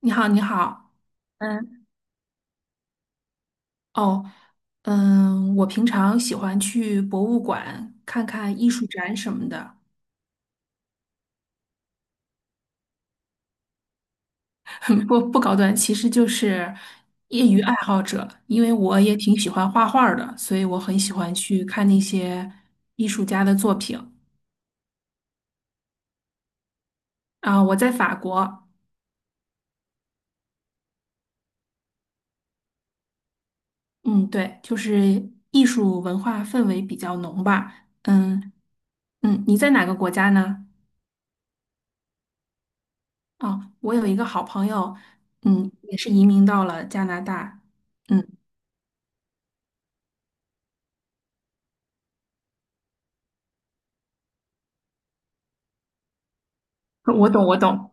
你好，你好。嗯，哦，我平常喜欢去博物馆看看艺术展什么的，不高端，其实就是业余爱好者。因为我也挺喜欢画画儿的，所以我很喜欢去看那些艺术家的作品。啊，我在法国，嗯，对，就是艺术文化氛围比较浓吧。嗯你在哪个国家呢？哦，我有一个好朋友，嗯，也是移民到了加拿大。嗯，我懂，我懂，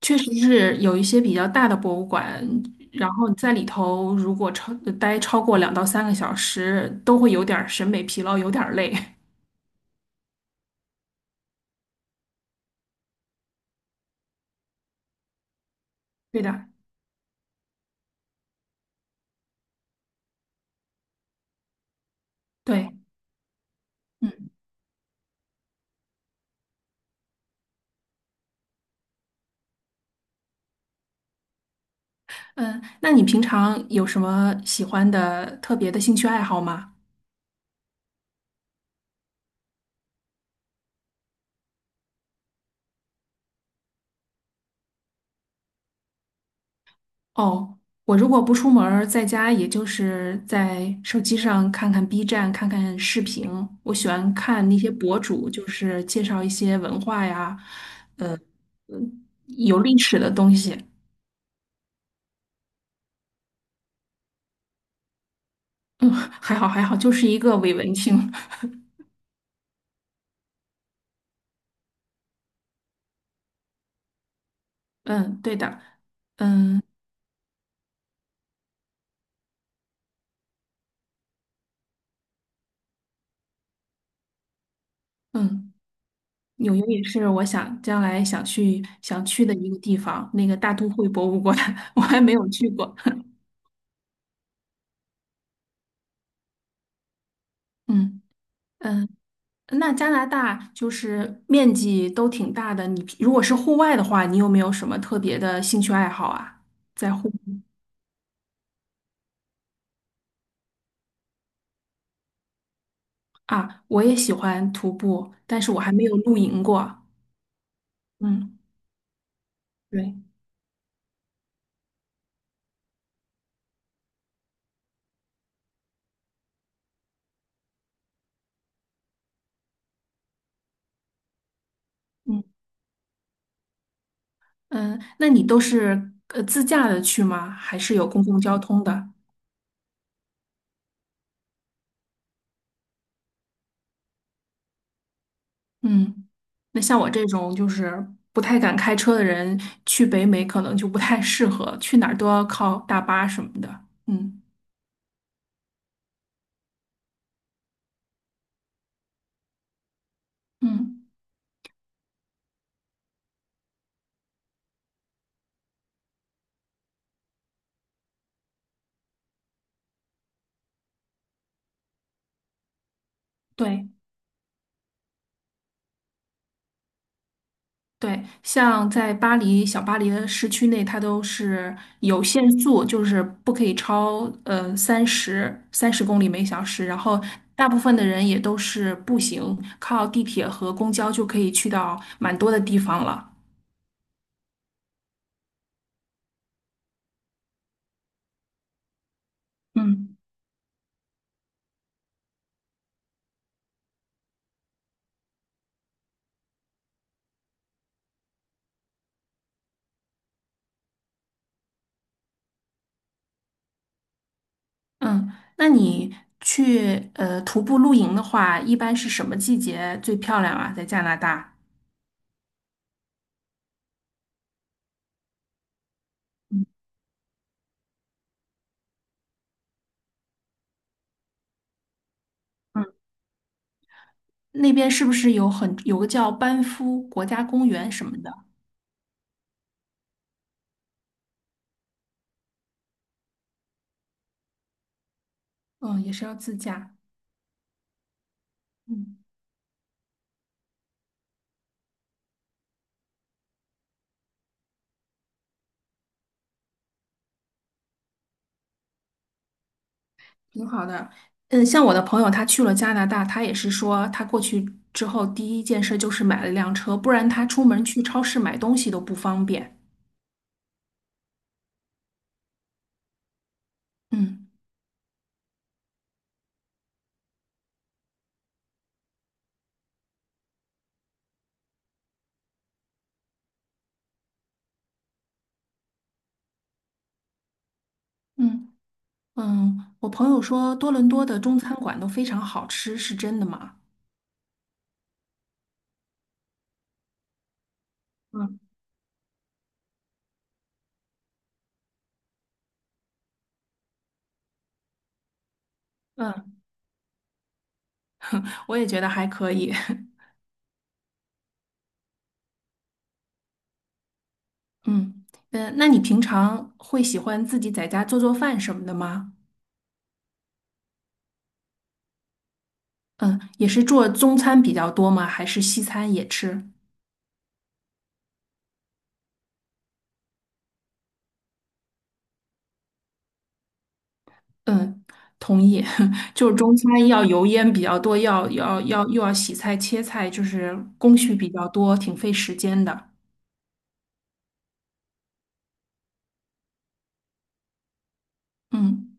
确实是有一些比较大的博物馆，然后你在里头如果超过2到3个小时，都会有点儿审美疲劳，有点儿累。对的，对，嗯嗯，那你平常有什么喜欢的特别的兴趣爱好吗？哦，我如果不出门儿在家也就是在手机上看看 B 站，看看视频。我喜欢看那些博主，就是介绍一些文化呀，嗯，有历史的东西。嗯，还好还好，就是一个伪文青。嗯，对的。嗯嗯，纽约也是我想将来想去想去的一个地方，那个大都会博物馆，我还没有去过。嗯嗯，那加拿大就是面积都挺大的，你如果是户外的话，你有没有什么特别的兴趣爱好啊？在户啊，我也喜欢徒步，但是我还没有露营过。嗯，对，嗯嗯，那你都是自驾的去吗？还是有公共交通的？嗯，那像我这种就是不太敢开车的人，去北美可能就不太适合，去哪儿都要靠大巴什么的。嗯嗯，对。对，像在巴黎小巴黎的市区内，它都是有限速，就是不可以三十公里每小时。然后大部分的人也都是步行，靠地铁和公交就可以去到蛮多的地方了。嗯嗯，那你去徒步露营的话，一般是什么季节最漂亮啊？在加拿大，嗯，那边是不是有很有个叫班夫国家公园什么的？嗯，也是要自驾。嗯。挺好的，嗯，像我的朋友，他去了加拿大，他也是说，他过去之后第一件事就是买了辆车，不然他出门去超市买东西都不方便。嗯嗯我朋友说多伦多的中餐馆都非常好吃，是真的吗？嗯嗯，我也觉得还可以。嗯那你平常会喜欢自己在家做做饭什么的吗？嗯，也是做中餐比较多吗？还是西餐也吃？嗯，同意。就是中餐要油烟比较多，要又要洗菜切菜，就是工序比较多，挺费时间的。嗯，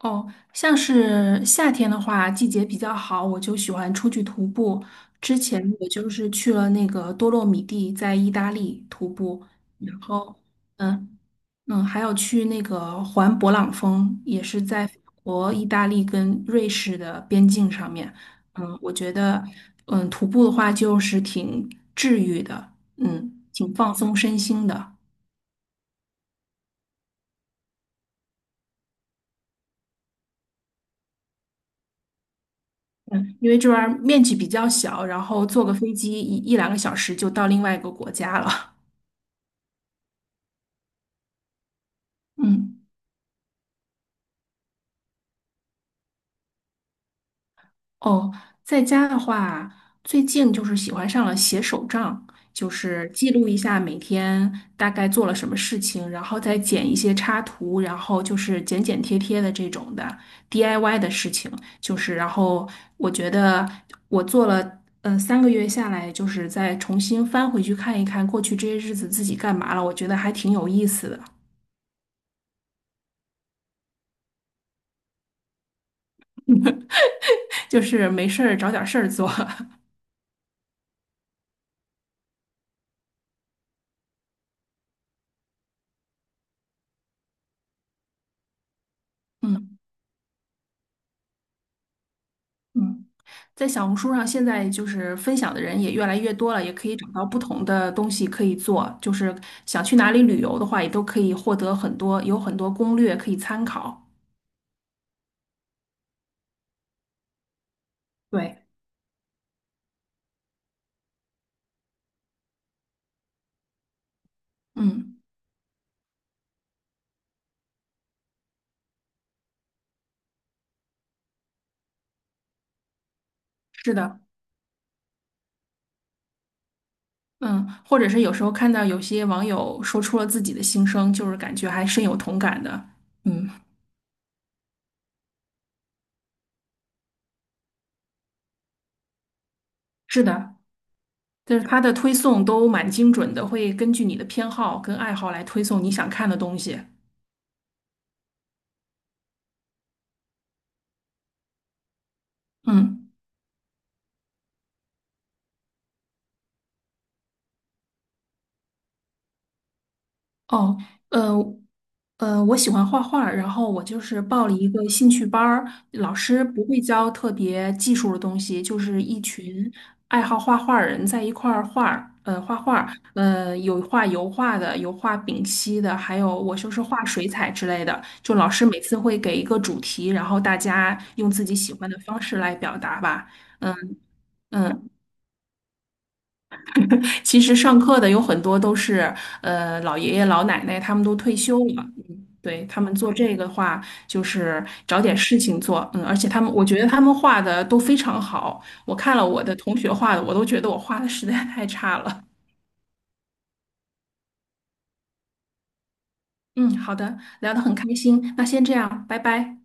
哦，像是夏天的话，季节比较好，我就喜欢出去徒步。之前我就是去了那个多洛米蒂，在意大利徒步，然后嗯。嗯，还有去那个环勃朗峰，也是在法国、意大利跟瑞士的边境上面。嗯，我觉得，嗯，徒步的话就是挺治愈的，嗯，挺放松身心的。嗯，因为这边儿面积比较小，然后坐个飞机一两个小时就到另外一个国家了。嗯。哦，在家的话，最近就是喜欢上了写手账，就是记录一下每天大概做了什么事情，然后再剪一些插图，然后就是剪剪贴贴的这种的 DIY 的事情，就是然后我觉得我做了。呃，3个月下来，就是再重新翻回去看一看过去这些日子自己干嘛了，我觉得还挺有意思的，就是没事儿找点事儿做。嗯嗯。在小红书上，现在就是分享的人也越来越多了，也可以找到不同的东西可以做。就是想去哪里旅游的话，也都可以获得很多，有很多攻略可以参考。对，嗯，是的，嗯，或者是有时候看到有些网友说出了自己的心声，就是感觉还深有同感的。嗯，是的，就是它的推送都蛮精准的，会根据你的偏好跟爱好来推送你想看的东西。嗯。哦，呃，我喜欢画画儿然后我就是报了一个兴趣班儿，老师不会教特别技术的东西，就是一群爱好画画儿人在一块儿画画儿，有画油画的，有画丙烯的，还有我就是画水彩之类的。就老师每次会给一个主题，然后大家用自己喜欢的方式来表达吧。嗯嗯，其实上课的有很多都是老爷爷老奶奶，他们都退休了。嗯，对，他们做这个的话，就是找点事情做。嗯，而且他们，我觉得他们画的都非常好。我看了我的同学画的，我都觉得我画的实在太差了。嗯，好的，聊得很开心，那先这样，拜拜。